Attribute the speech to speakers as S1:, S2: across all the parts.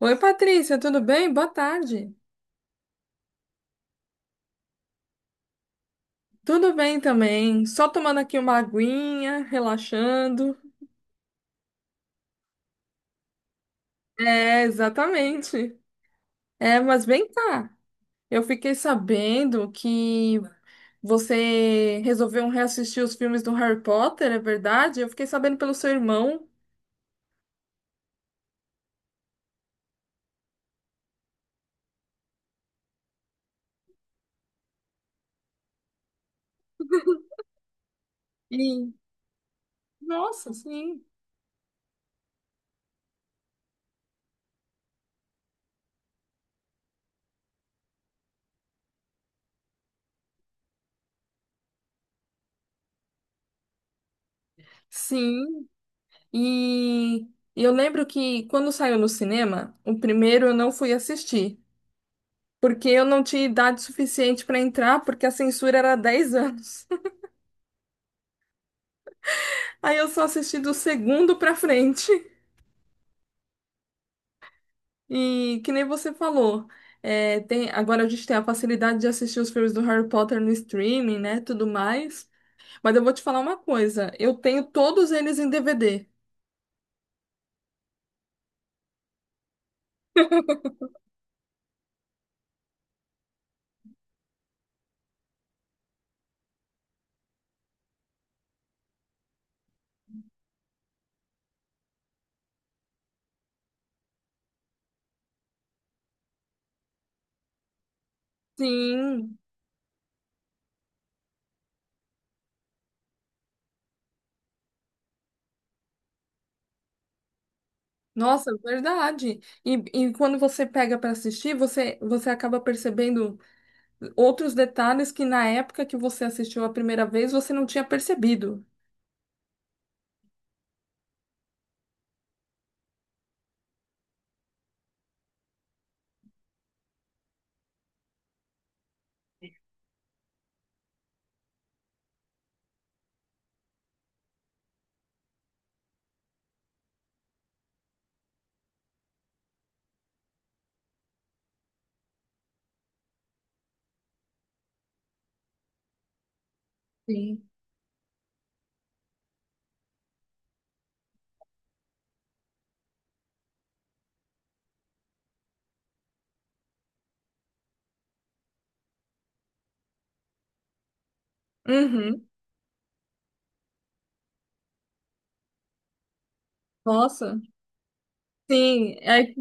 S1: Oi, Patrícia, tudo bem? Boa tarde. Tudo bem também. Só tomando aqui uma aguinha, relaxando. É, exatamente. É, mas vem cá. Eu fiquei sabendo que você resolveu reassistir os filmes do Harry Potter, é verdade? Eu fiquei sabendo pelo seu irmão. E, nossa, sim. Sim. E eu lembro que quando saiu no cinema, o primeiro eu não fui assistir. Porque eu não tinha idade suficiente para entrar, porque a censura era 10 anos. Aí eu só assisti do segundo para frente. E que nem você falou, agora a gente tem a facilidade de assistir os filmes do Harry Potter no streaming, né? Tudo mais. Mas eu vou te falar uma coisa: eu tenho todos eles em DVD. Sim. Nossa, é verdade. E quando você pega para assistir, você acaba percebendo outros detalhes que na época que você assistiu a primeira vez você não tinha percebido. Sim. Uhum. Nossa, sim, é,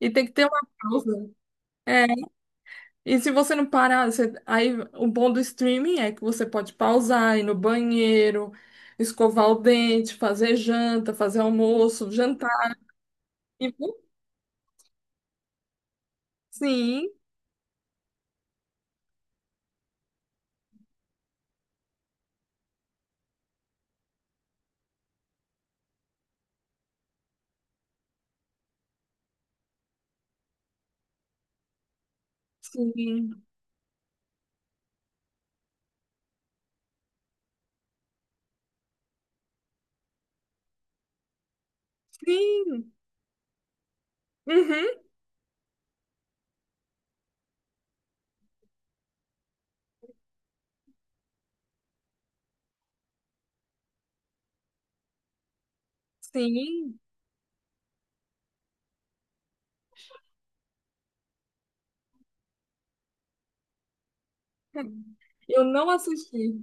S1: e tem que ter uma pausa. É, e se você não parar, você- aí o bom do streaming é que você pode pausar, ir no banheiro, escovar o dente, fazer janta, fazer almoço, jantar. E, sim, sim, sim, uhum, sim. Eu não assisti.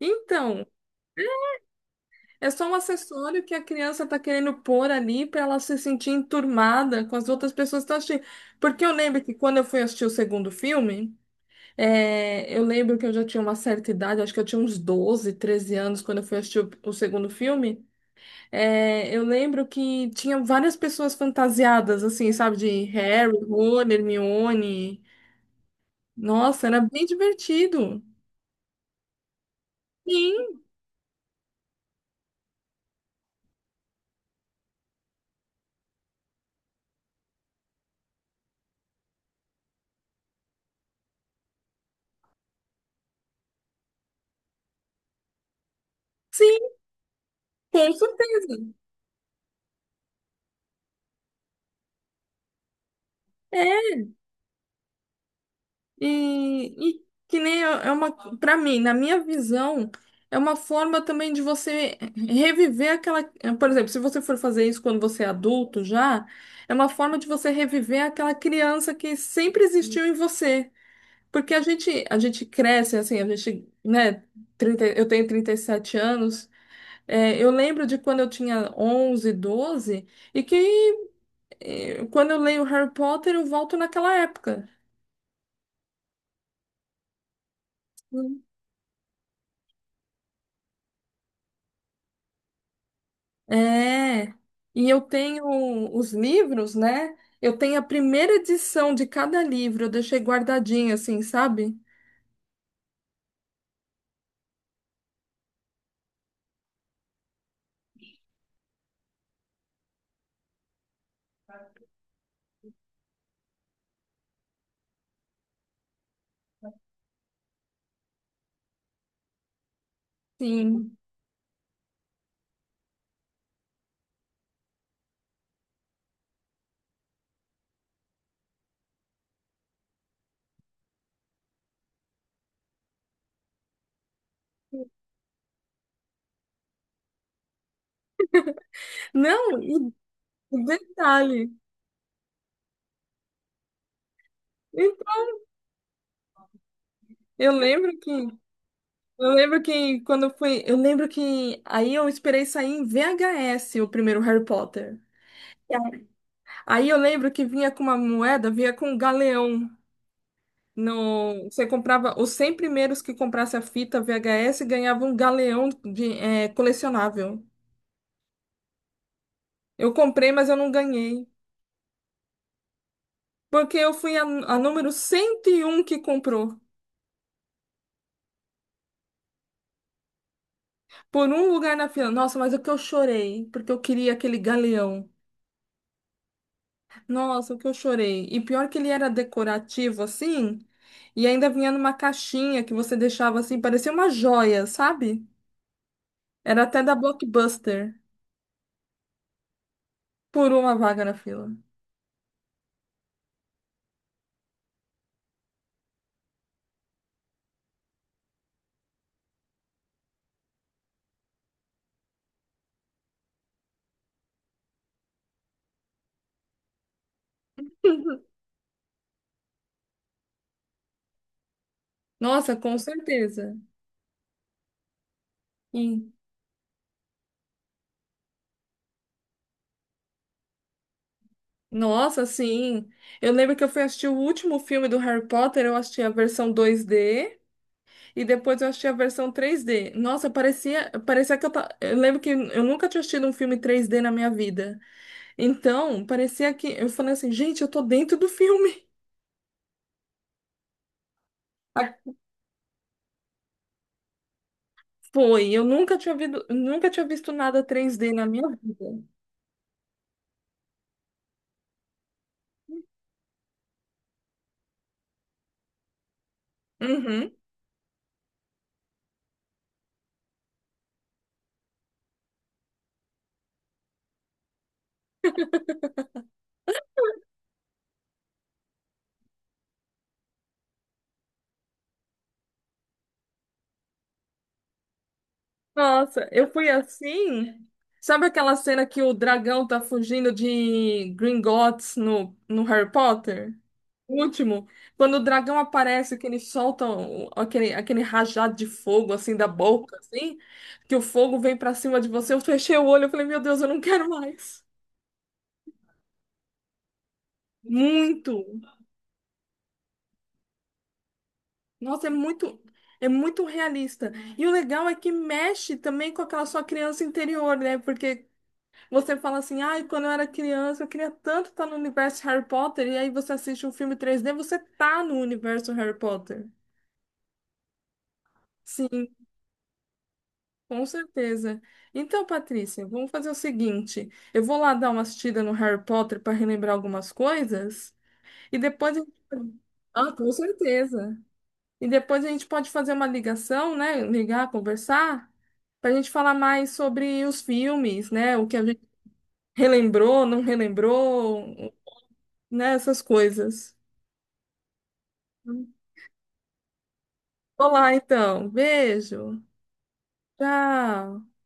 S1: Então. É só um acessório que a criança está querendo pôr ali para ela se sentir enturmada com as outras pessoas que estão assistindo. Porque eu lembro que quando eu fui assistir o segundo filme, é, eu lembro que eu já tinha uma certa idade, acho que eu tinha uns 12, 13 anos quando eu fui assistir o segundo filme. É, eu lembro que tinha várias pessoas fantasiadas, assim, sabe, de Harry, Ron, Hermione. Nossa, era bem divertido. Sim, sim, com certeza. E que nem para mim, na minha visão, é uma forma também de você reviver aquela. Por exemplo, se você for fazer isso quando você é adulto já, é uma forma de você reviver aquela criança que sempre existiu em você. Porque a gente cresce assim, a gente, né? 30 Eu tenho 37 anos. Eu lembro de quando eu tinha 11 12 e que quando eu leio Harry Potter, eu volto naquela época. É, e eu tenho os livros, né? Eu tenho a primeira edição de cada livro, eu deixei guardadinho assim, sabe? Sim. Não, e detalhe. Então, eu lembro que quando eu fui, eu lembro que aí eu esperei sair em VHS o primeiro Harry Potter. Aí eu lembro que vinha com uma moeda, vinha com um galeão. No, você comprava os 100 primeiros que comprasse a fita VHS ganhava um galeão de, é, colecionável. Eu comprei, mas eu não ganhei. Porque eu fui a número 101 que comprou. Por um lugar na fila. Nossa, mas o que eu chorei. Porque eu queria aquele galeão. Nossa, o que eu chorei. E pior que ele era decorativo, assim. E ainda vinha numa caixinha que você deixava assim. Parecia uma joia, sabe? Era até da Blockbuster. Por uma vaga na fila. Nossa, com certeza. Sim. Nossa, sim. Eu lembro que eu fui assistir o último filme do Harry Potter. Eu assisti a versão 2D. E depois eu achei a versão 3D. Nossa, parecia, parecia que eu tava. Eu lembro que eu nunca tinha assistido um filme 3D na minha vida. Então, parecia que eu falei assim, gente, eu tô dentro do filme. Ah, foi, eu nunca tinha visto, nunca tinha visto nada 3D na minha vida. Uhum. Nossa, eu fui assim. Sabe aquela cena que o dragão tá fugindo de Gringotts no, no Harry Potter? O último, quando o dragão aparece, que eles soltam aquele, aquele rajado de fogo, assim, da boca, assim, que o fogo vem pra cima de você, eu fechei o olho, eu falei, meu Deus, eu não quero mais. Muito. Nossa, é muito realista. E o legal é que mexe também com aquela sua criança interior, né? Porque você fala assim, ai, quando eu era criança, eu queria tanto estar no universo Harry Potter, e aí você assiste um filme três d você tá no universo Harry Potter. Sim. Com certeza. Então, Patrícia, vamos fazer o seguinte: eu vou lá dar uma assistida no Harry Potter para relembrar algumas coisas e depois a gente... Ah, com certeza. E depois a gente pode fazer uma ligação, né? Ligar, conversar, para a gente falar mais sobre os filmes, né? O que a gente relembrou, não relembrou, né? Essas coisas. Olá, então. Beijo. Tchau.